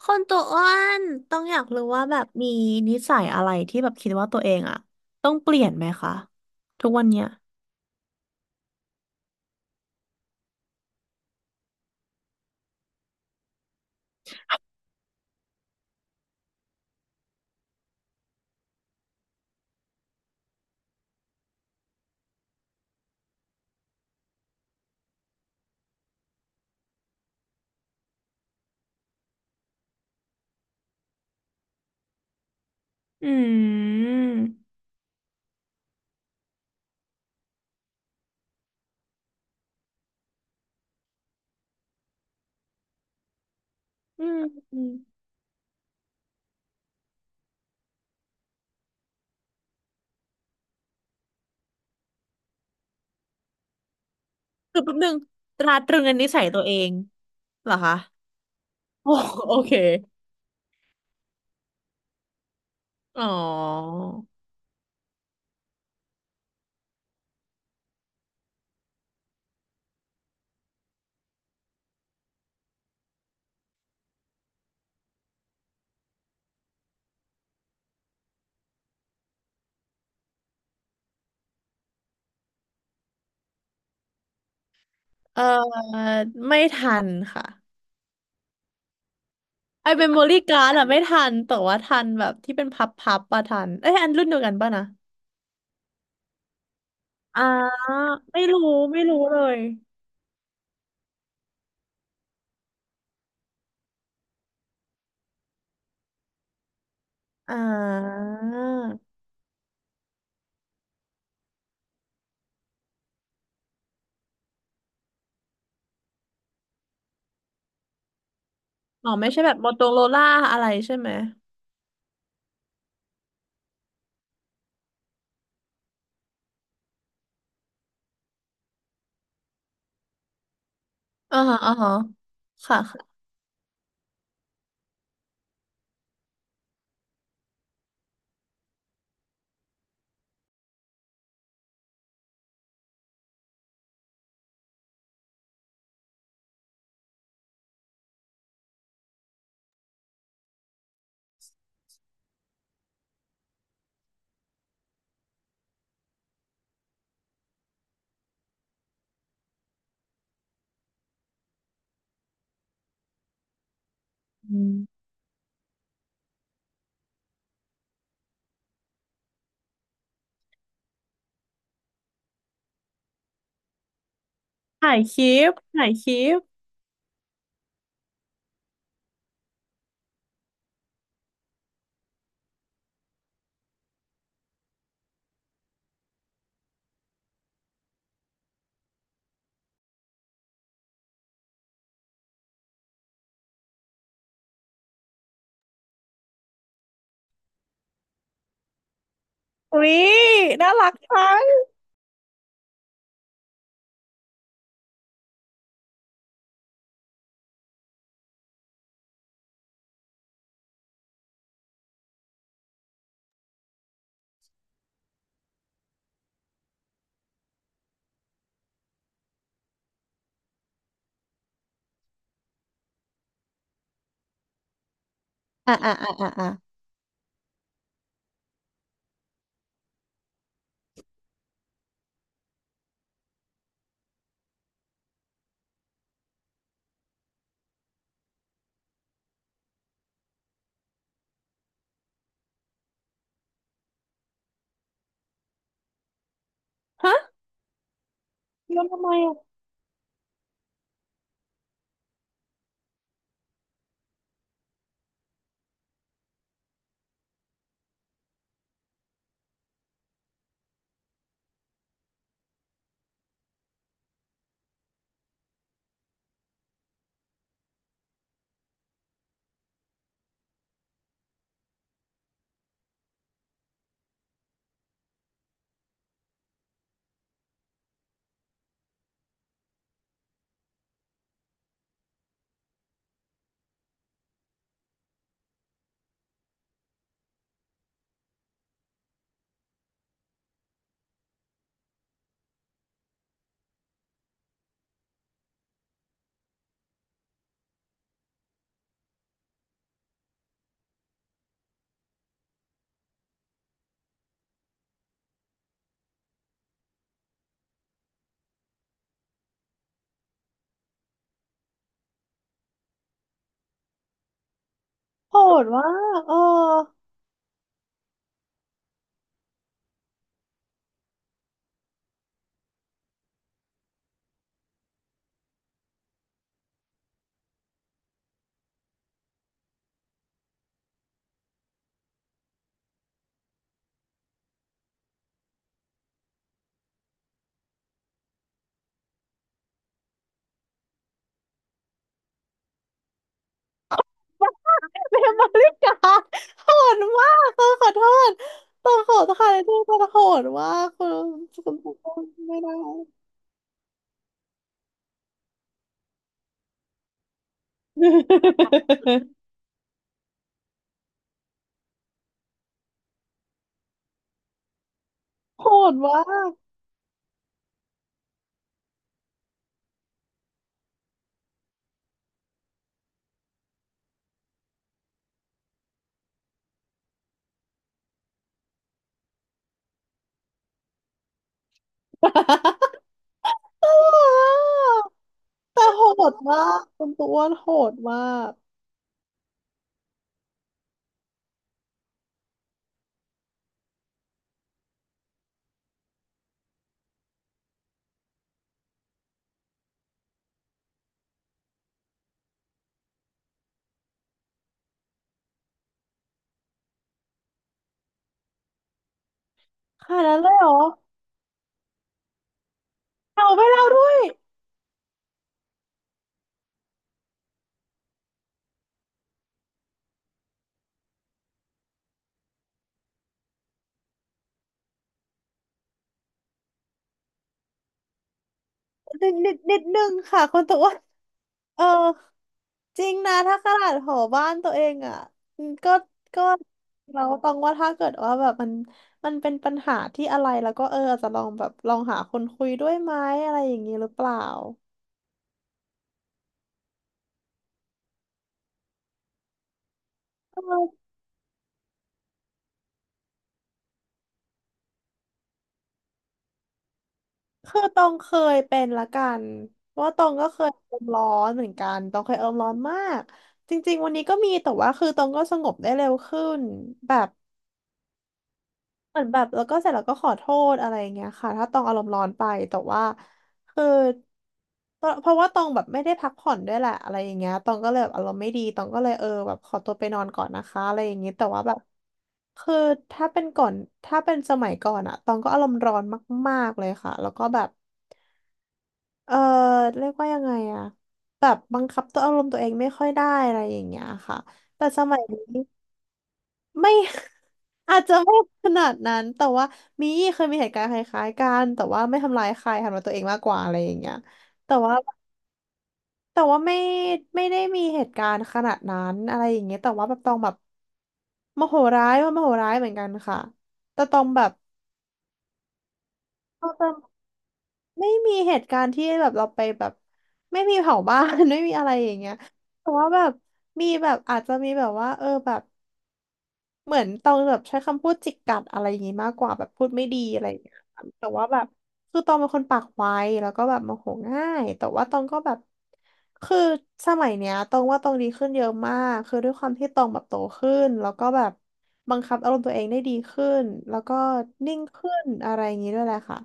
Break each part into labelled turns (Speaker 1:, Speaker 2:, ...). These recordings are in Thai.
Speaker 1: คนตัวอ้วนต้องอยากรู้ว่าแบบมีนิสัยอะไรที่แบบคิดว่าตัวเองอะต้องเปลี่ยนไหมคะทุกวันเนี้ยอืมอืมอืมคือแป๊บนึงตราตรึงอันนิสัยตัวเองเหรอคะโอ้โอเคอ๋อเออไม่ทันค่ะไอเป็นโมลี่การ์ดอะไม่ทันแต่ว่าทันแบบที่เป็นพับปะทันเอ้ยอันรุ่นเดียวกันปะนะอ่าไม่รู้ไม่รู้เลยอ่า อ๋อไม่ใช่แบบโมโตโรล่าอะไรใช่ไหมอ่าฮะค่ะค่ะอืมถ่ายคลิปอุ๊ยน่ารักจังอ่ะฮะโยนทำไมอะโหดว่ากเออเบลมาริกาโหดมากเออขอโทษต้องขอโทษค่ะที่ต้องโหดว่ากคุณคุณไม่ได้ โหดว่าก ตลกอะแต่โหดมากคุณตัวอ้วนโหดมาก ขนาดนั้นเลยเหรอเอาไป่เล่าด้วยนิดนึงค่ะคนตัวอ้วนเออ จริงนะถ้าขนาดหอบ้านตัวเองอ่ะอืมก็เราต้องว่าถ้าเกิดว่าแบบมันเป็นปัญหาที่อะไรแล้วก็เอออาจจะลองแบบลองหาคนคุยด้วยไหมอะไรอย่างนี้หรือเปล่าเออคือตองเคยเป็นละกันว่าตองก็เคยอารมณ์ร้อนเหมือนกันตองเคยอารมณ์ร้อนมากจริงๆวันนี้ก็มีแต่ว่าคือตองก็สงบได้เร็วขึ้นแบบ เหมือนแบบแล้วก็เสร็จแล้วก็ขอโทษอะไรอย่างเงี้ยค่ะถ้าตองอารมณ์ร้อนไปแต่ว่าคือเพราะว่าตองแบบไม่ได้พักผ่อนด้วยแหละอะไรอย่างเงี้ยตองก็เลยแบบอารมณ์ไม่ดีตองก็เลยเออแบบขอตัวไปนอนก่อนนะคะอะไรอย่างงี้แต่ว่าแบบคือถ้าเป็นก่อนถ้าเป็นสมัยก่อนอะตองก็อารมณ์ร้อนมากๆเลยค่ะแล้วก็แบบเออเรียกว่ายังไงอะแบบบังคับตัวอารมณ์ตัวเองไม่ค่อยได้อะไรอย่างเงี้ยค่ะแต่สมัยนี้ ไม่ อาจจะไม่ขนาดนั้นแต่ว่ามีเคยมีเหตุการณ์คล้ายๆกันแต่ว่าไม่ทำร้ายใครทำร้ายตัวเองมากกว่าอะไรอย่างเงี้ยแต่ว่าแต่ว่าไม่ได้มีเหตุการณ์ขนาดนั้นอะไรอย่างเงี้ยแต่ว่าแบบตองแบบโมโหร้ายว่าโมโหร้ายเหมือนกันค่ะแต่ตองแบบก็จะไม่มีเหตุการณ์ที่แบบเราไปแบบไม่มีเผาบ้าน ไม่มีอะไรอย่างเงี้ยแต่ว่าแบบมีแบบอาจจะมีแบบว่าเออแบบ เหมือนตองแบบใช้คำพูดจิกกัดอะไรอย่างงี้มากกว่าแบบพูดไม่ดีอะไรอย่างเงี้ยค่ะแต่ว่าแบบคือตองเป็นคนปากไวแล้วก็แบบโมโหง่ายแต่ว่าตองก็แบบคือสมัยเนี้ยตองว่าตองดีขึ้นเยอะมากคือด้วยความที่ตองแบบโตขึ้นแล้วก็แบบบังคับอารมณ์ตัวเองได้ดีขึ้นแล้วก็นิ่งขึ้นอะไรอย่างงี้ด้วยแหละค่ะ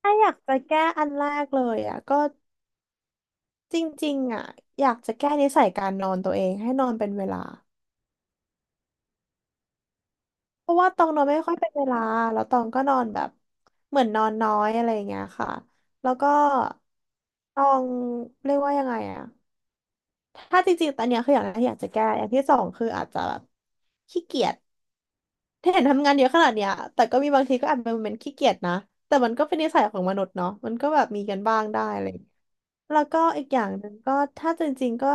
Speaker 1: ถ้าอยากจะแก้อันแรกเลยอ่ะก็จริงๆอ่ะอยากจะแก้นิสัยการนอนตัวเองให้นอนเป็นเวลา เพราะว่าตองนอนไม่ค่อยเป็นเวลาแล้วตองก็นอนแบบเหมือนนอนน้อยอะไรอย่างเงี้ยค่ะแล้วก็ตองเรียกว่ายังไงอะถ้าจริงๆตอนเนี้ยคืออย่างแรกที่อยากจะแก้อย่างที่สองคืออาจจะแบบขี้เกียจ เห็นทำงานเยอะขนาดเนี้ยแต่ก็มีบางทีก็อาจเป็นโมเมนต์ขี้เกียจนะแต่มันก็เป็นนิสัยของมนุษย์เนาะมันก็แบบมีกันบ้างได้อะไรอย่างเงี้ยแล้วก็อีกอย่างหนึ่งก็ถ้าจริงๆก็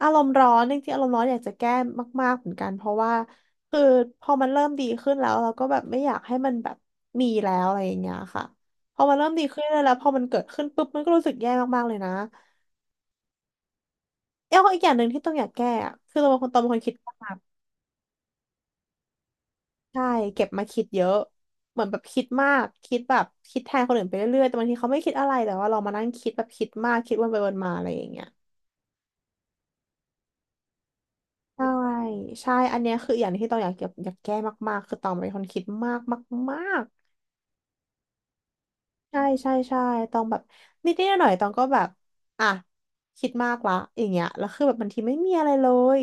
Speaker 1: อารมณ์ร้อนจริงๆอารมณ์ร้อนอยากจะแก้มากๆเหมือนกันเพราะว่าคือพอมันเริ่มดีขึ้นแล้วเราก็แบบไม่อยากให้มันแบบมีแล้วอะไรอย่างเงี้ยค่ะพอมันเริ่มดีขึ้นแล้วพอมันเกิดขึ้นปุ๊บมันก็รู้สึกแย่มากๆเลยนะเอ้ยอีกอย่างหนึ่งที่ต้องอยากแก้อะคือเราเป็นคนตอนเป็นคนคิดมาก ใช่เก็บมาคิดเยอะเหมือนแบบคิดมากคิดแทนคนอื่นไปเรื่อยๆ แต่บางทีเขาไม่คิดอะไรแต่ว่าเรามานั่งคิดแบบคิดมากคิดวนไปวนมาอะไรอย่างเงี้ยใช่ใช่อันเนี้ยคืออย่างที่ตองอยากเก็บอยากแก้มากๆคือตองเป็นคนคิดมากมาก ใช่ตองแบบนิดนิดหน่อยๆตองก็แบบอ่ะคิดมากละอย่างเงี้ยแล้วคือแบบบางทีไม่มีอะไรเลย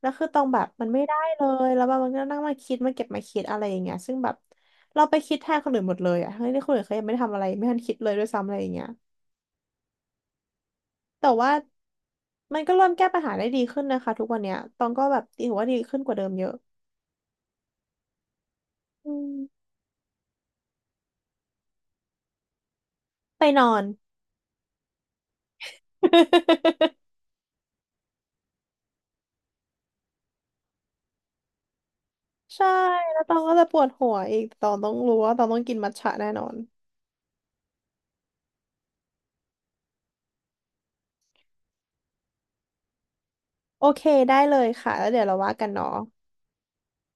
Speaker 1: แล้วคือตองแบบมันไม่ได้เลยแล้วแบบมันก็นั่งมาคิดมาเก็บมาคิดอะไรอย่างเงี้ยซึ่งแบบเราไปคิดแทนคนอื่นหมดเลยอ่ะทั้งที่คนอื่นเขายังไม่ได้ทำอะไรไม่ทันคิดเลยด้วยซ้ำอะไรอย่างเงี้ยแต่ว่ามันก็เริ่มแก้ปัญหาได้ดีขึ้นนะคะทุกวันเนี้ยตองก็แบบถือว่าดีขึ้นกว่าเดิมเยอะอืมไปนอน ใช่แล้วตองก็จะปวดหัวอีกตองต้องรู้ว่าตองต้องกินมัทฉะแน่นอน โอเคได้เลยค่ะแล้วเดี๋ยวเราว่ากันเนาะ